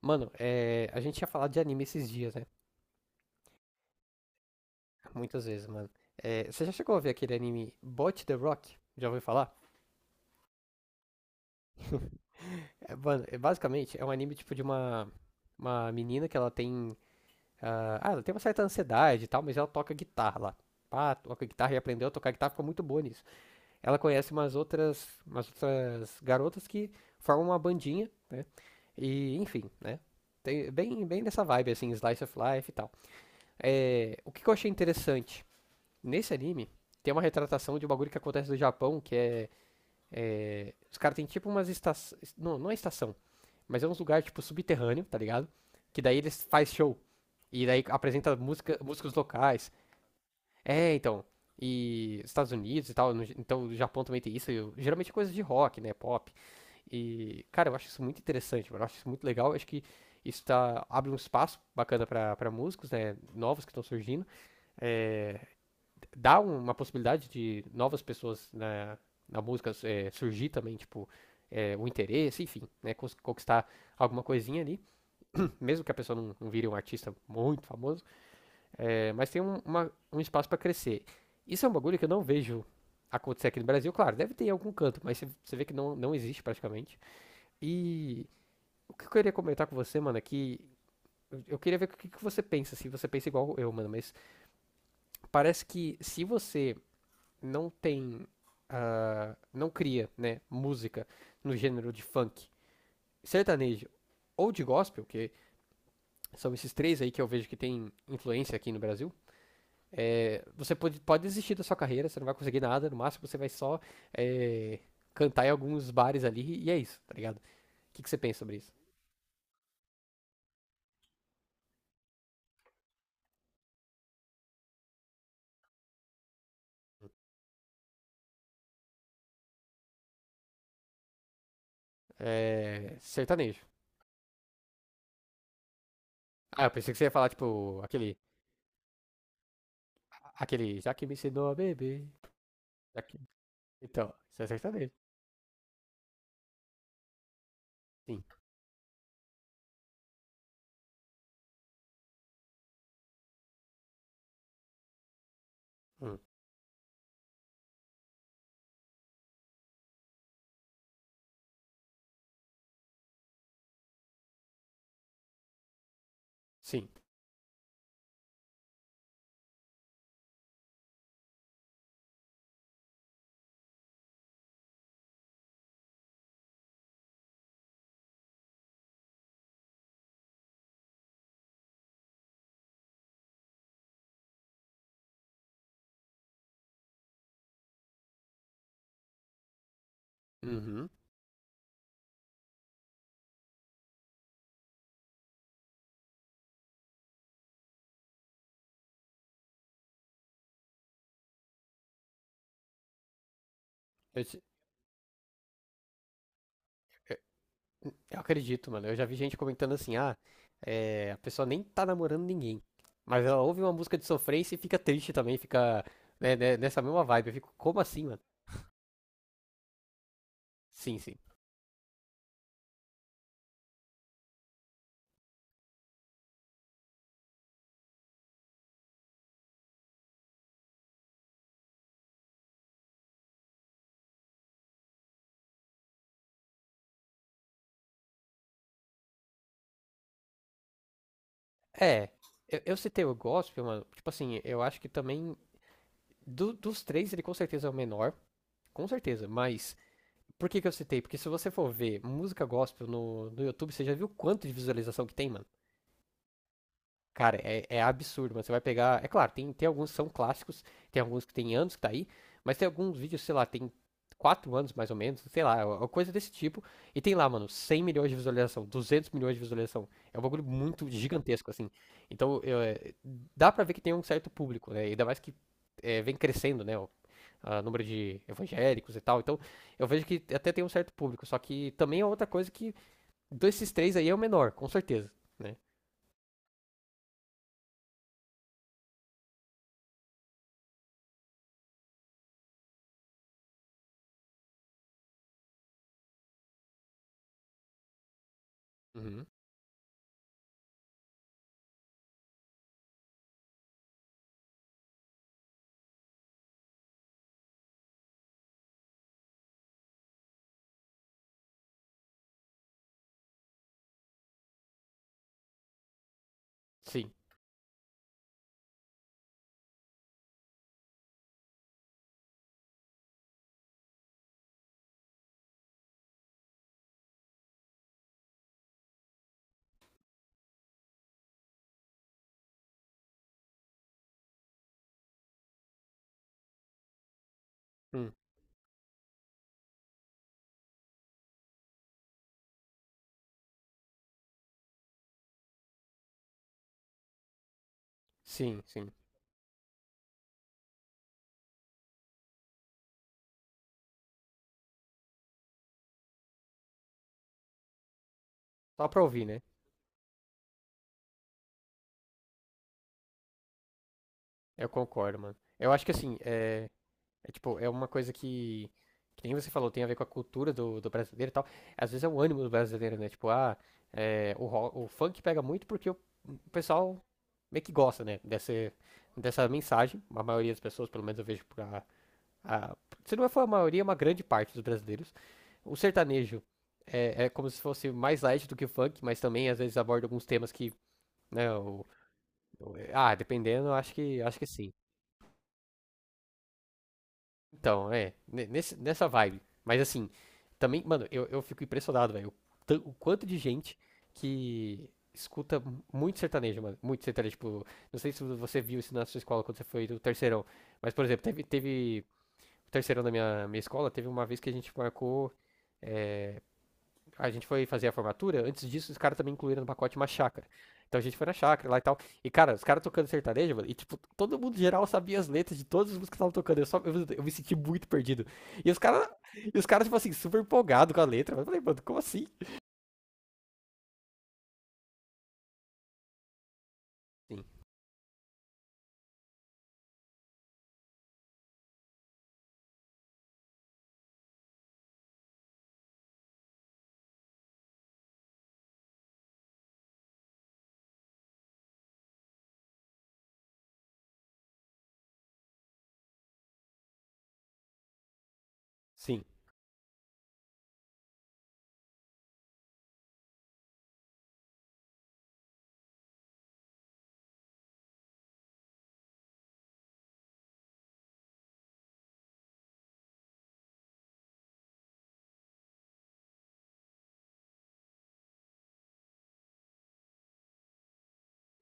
Mano, a gente tinha falado de anime esses dias, né? Muitas vezes, mano. Você já chegou a ver aquele anime Bot the Rock? Já ouviu falar? Basicamente é um anime tipo de uma menina que ela tem. Ela tem uma certa ansiedade e tal, mas ela toca guitarra lá. Pá, toca guitarra e aprendeu a tocar guitarra, ficou muito boa nisso. Ela conhece umas outras garotas que formam uma bandinha, né? E, enfim, né? Tem, bem, bem dessa vibe, assim, slice of life e tal. O que que eu achei interessante? Nesse anime, tem uma retratação de um bagulho que acontece no Japão, os caras têm tipo umas estações. Não, não é estação, mas é uns lugares tipo subterrâneo, tá ligado? Que daí eles faz show. E daí apresenta música, músicos locais. Então. E Estados Unidos e tal, então o Japão também tem isso. Geralmente é coisa de rock, né? Pop. E, cara, eu acho isso muito interessante, mano. Eu acho isso muito legal. Eu acho que isso tá, abre um espaço bacana pra músicos, né? Novos que estão surgindo. É, Dá um, uma possibilidade de novas pessoas na música, surgir também, tipo, o interesse, enfim, né, conquistar alguma coisinha ali, mesmo que a pessoa não vire um artista muito famoso, mas tem um, um espaço para crescer. Isso é um bagulho que eu não vejo acontecer aqui no Brasil, claro, deve ter em algum canto, mas você vê que não existe praticamente. E o que eu queria comentar com você, mano, é que eu queria ver o que que você pensa, se você pensa igual eu, mano, mas parece que se você não tem. Não cria, né? Música no gênero de funk, sertanejo ou de gospel, que são esses três aí que eu vejo que tem influência aqui no Brasil. Você pode desistir da sua carreira, você não vai conseguir nada, no máximo você vai só é, cantar em alguns bares ali e é isso, tá ligado? O que, que você pensa sobre isso? É, sertanejo. Ah, eu pensei que você ia falar, tipo, aquele. Aquele. Já que me ensinou a beber. Já que... Então, isso é sertanejo. Sim. Hum. Sim. Uhum. Eu, É, Eu acredito, mano. Eu já vi gente comentando assim, a pessoa nem tá namorando ninguém. Mas ela ouve uma música de sofrência e fica triste também, fica, né, nessa mesma vibe. Eu fico, como assim, mano? Sim, sim. É, eu citei o gospel, mano. Tipo assim, eu acho que também. Dos três, ele com certeza é o menor. Com certeza, mas. Por que que eu citei? Porque se você for ver música gospel no YouTube, você já viu quanto de visualização que tem, mano? Cara, é absurdo, mano. Você vai pegar. É claro, tem alguns que são clássicos, tem alguns que tem anos que tá aí, mas tem alguns vídeos, sei lá, tem 4 anos mais ou menos, sei lá, uma coisa desse tipo. E tem lá, mano, 100 milhões de visualização, 200 milhões de visualização. É um bagulho muito gigantesco, assim. Então, dá pra ver que tem um certo público, né? Ainda mais que vem crescendo, né? O a número de evangélicos e tal. Então, eu vejo que até tem um certo público. Só que também é outra coisa que, desses três aí, é o menor, com certeza, né? Uhum. Sim. Hum. Sim, sim. Só pra ouvir, né? Eu concordo, mano. Eu acho que assim, é tipo, uma coisa que nem você falou, tem a ver com a cultura do brasileiro e tal. Às vezes é o ânimo do brasileiro, né? Tipo, o funk pega muito porque o pessoal meio que gosta, né? Dessa mensagem. A maioria das pessoas, pelo menos eu vejo pra. A, Se não for a maioria, é uma grande parte dos brasileiros. O sertanejo é como se fosse mais light do que o funk, mas também às vezes aborda alguns temas que, né. o Então, ah, dependendo, eu acho que sim. Então, nessa vibe. Mas assim, também, mano, eu fico impressionado, velho, o quanto de gente que escuta muito sertanejo, mano, muito sertanejo, tipo, não sei se você viu isso na sua escola quando você foi do terceirão, mas, por exemplo, teve o terceirão da minha escola, teve uma vez que a gente marcou, é, a gente foi fazer a formatura, antes disso os caras também incluíram no pacote uma chácara. Então a gente foi na chácara lá e tal. E, cara, os caras tocando sertanejo, mano, e tipo, todo mundo geral sabia as letras de todas as músicas que estavam tocando. Eu me senti muito perdido. E os caras, e os caras, tipo assim, super empolgado com a letra. Eu falei, mano, como assim? Sim, sim.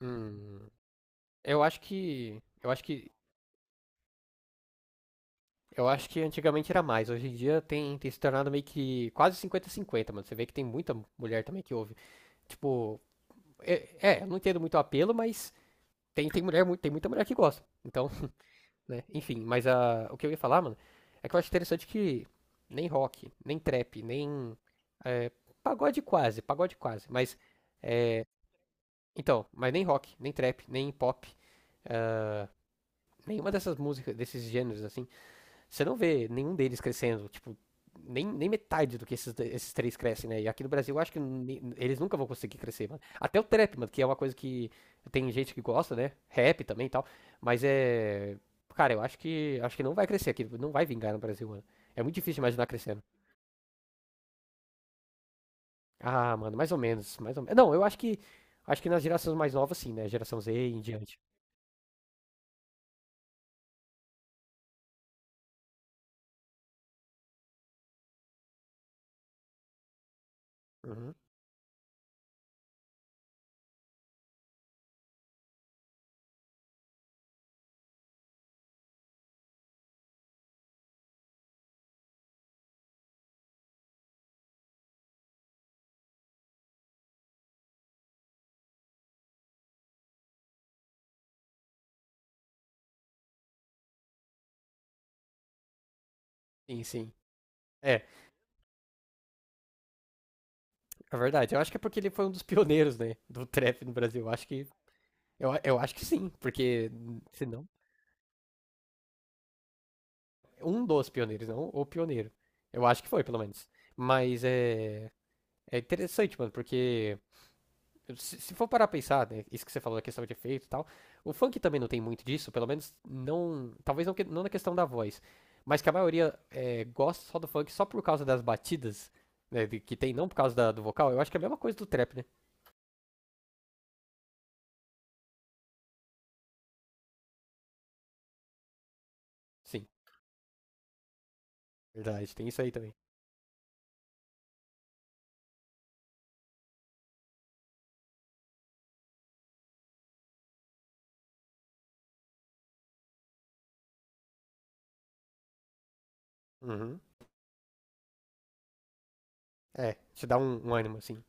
Hum, eu acho que. Eu acho que. Eu acho que antigamente era mais. Hoje em dia tem se tornado meio que quase 50 cinquenta, mano. Você vê que tem muita mulher também que ouve. Tipo, eu não entendo muito o apelo, mas tem muita mulher que gosta. Então, né? Enfim, mas o que eu ia falar, mano, é que eu acho interessante que nem rock, nem trap, nem. é, Pagode quase, pagode quase. Mas, então, mas nem rock, nem trap, nem pop, nenhuma dessas músicas, desses gêneros, assim, você não vê nenhum deles crescendo, tipo, nem metade do que esses três crescem, né? E aqui no Brasil eu acho que eles nunca vão conseguir crescer, mano. Até o trap, mano, que é uma coisa que tem gente que gosta, né? Rap também e tal. Mas é. Cara, eu acho que não vai crescer aqui, não vai vingar no Brasil, mano. É muito difícil imaginar crescendo. Ah, mano, mais ou menos, mais ou menos. Não, eu acho que nas gerações mais novas sim, né? Geração Z e em diante. Uhum. Sim, sim. É, é verdade. Eu acho que é porque ele foi um dos pioneiros, né, do trap no Brasil. Eu acho que sim, porque se não, um dos pioneiros, não o pioneiro. Eu acho que foi, pelo menos. Mas é interessante, mano, porque se for parar a pensar, né, isso que você falou da questão de efeito e tal, o funk também não tem muito disso, pelo menos não, talvez não, não na questão da voz, mas que a maioria gosta só do funk só por causa das batidas, né, que tem, não por causa do vocal. Eu acho que é a mesma coisa do trap, né? Sim, verdade, tem isso aí também. Uhum. É, te dá um, ânimo, assim.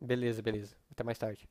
Beleza, beleza. Até mais tarde.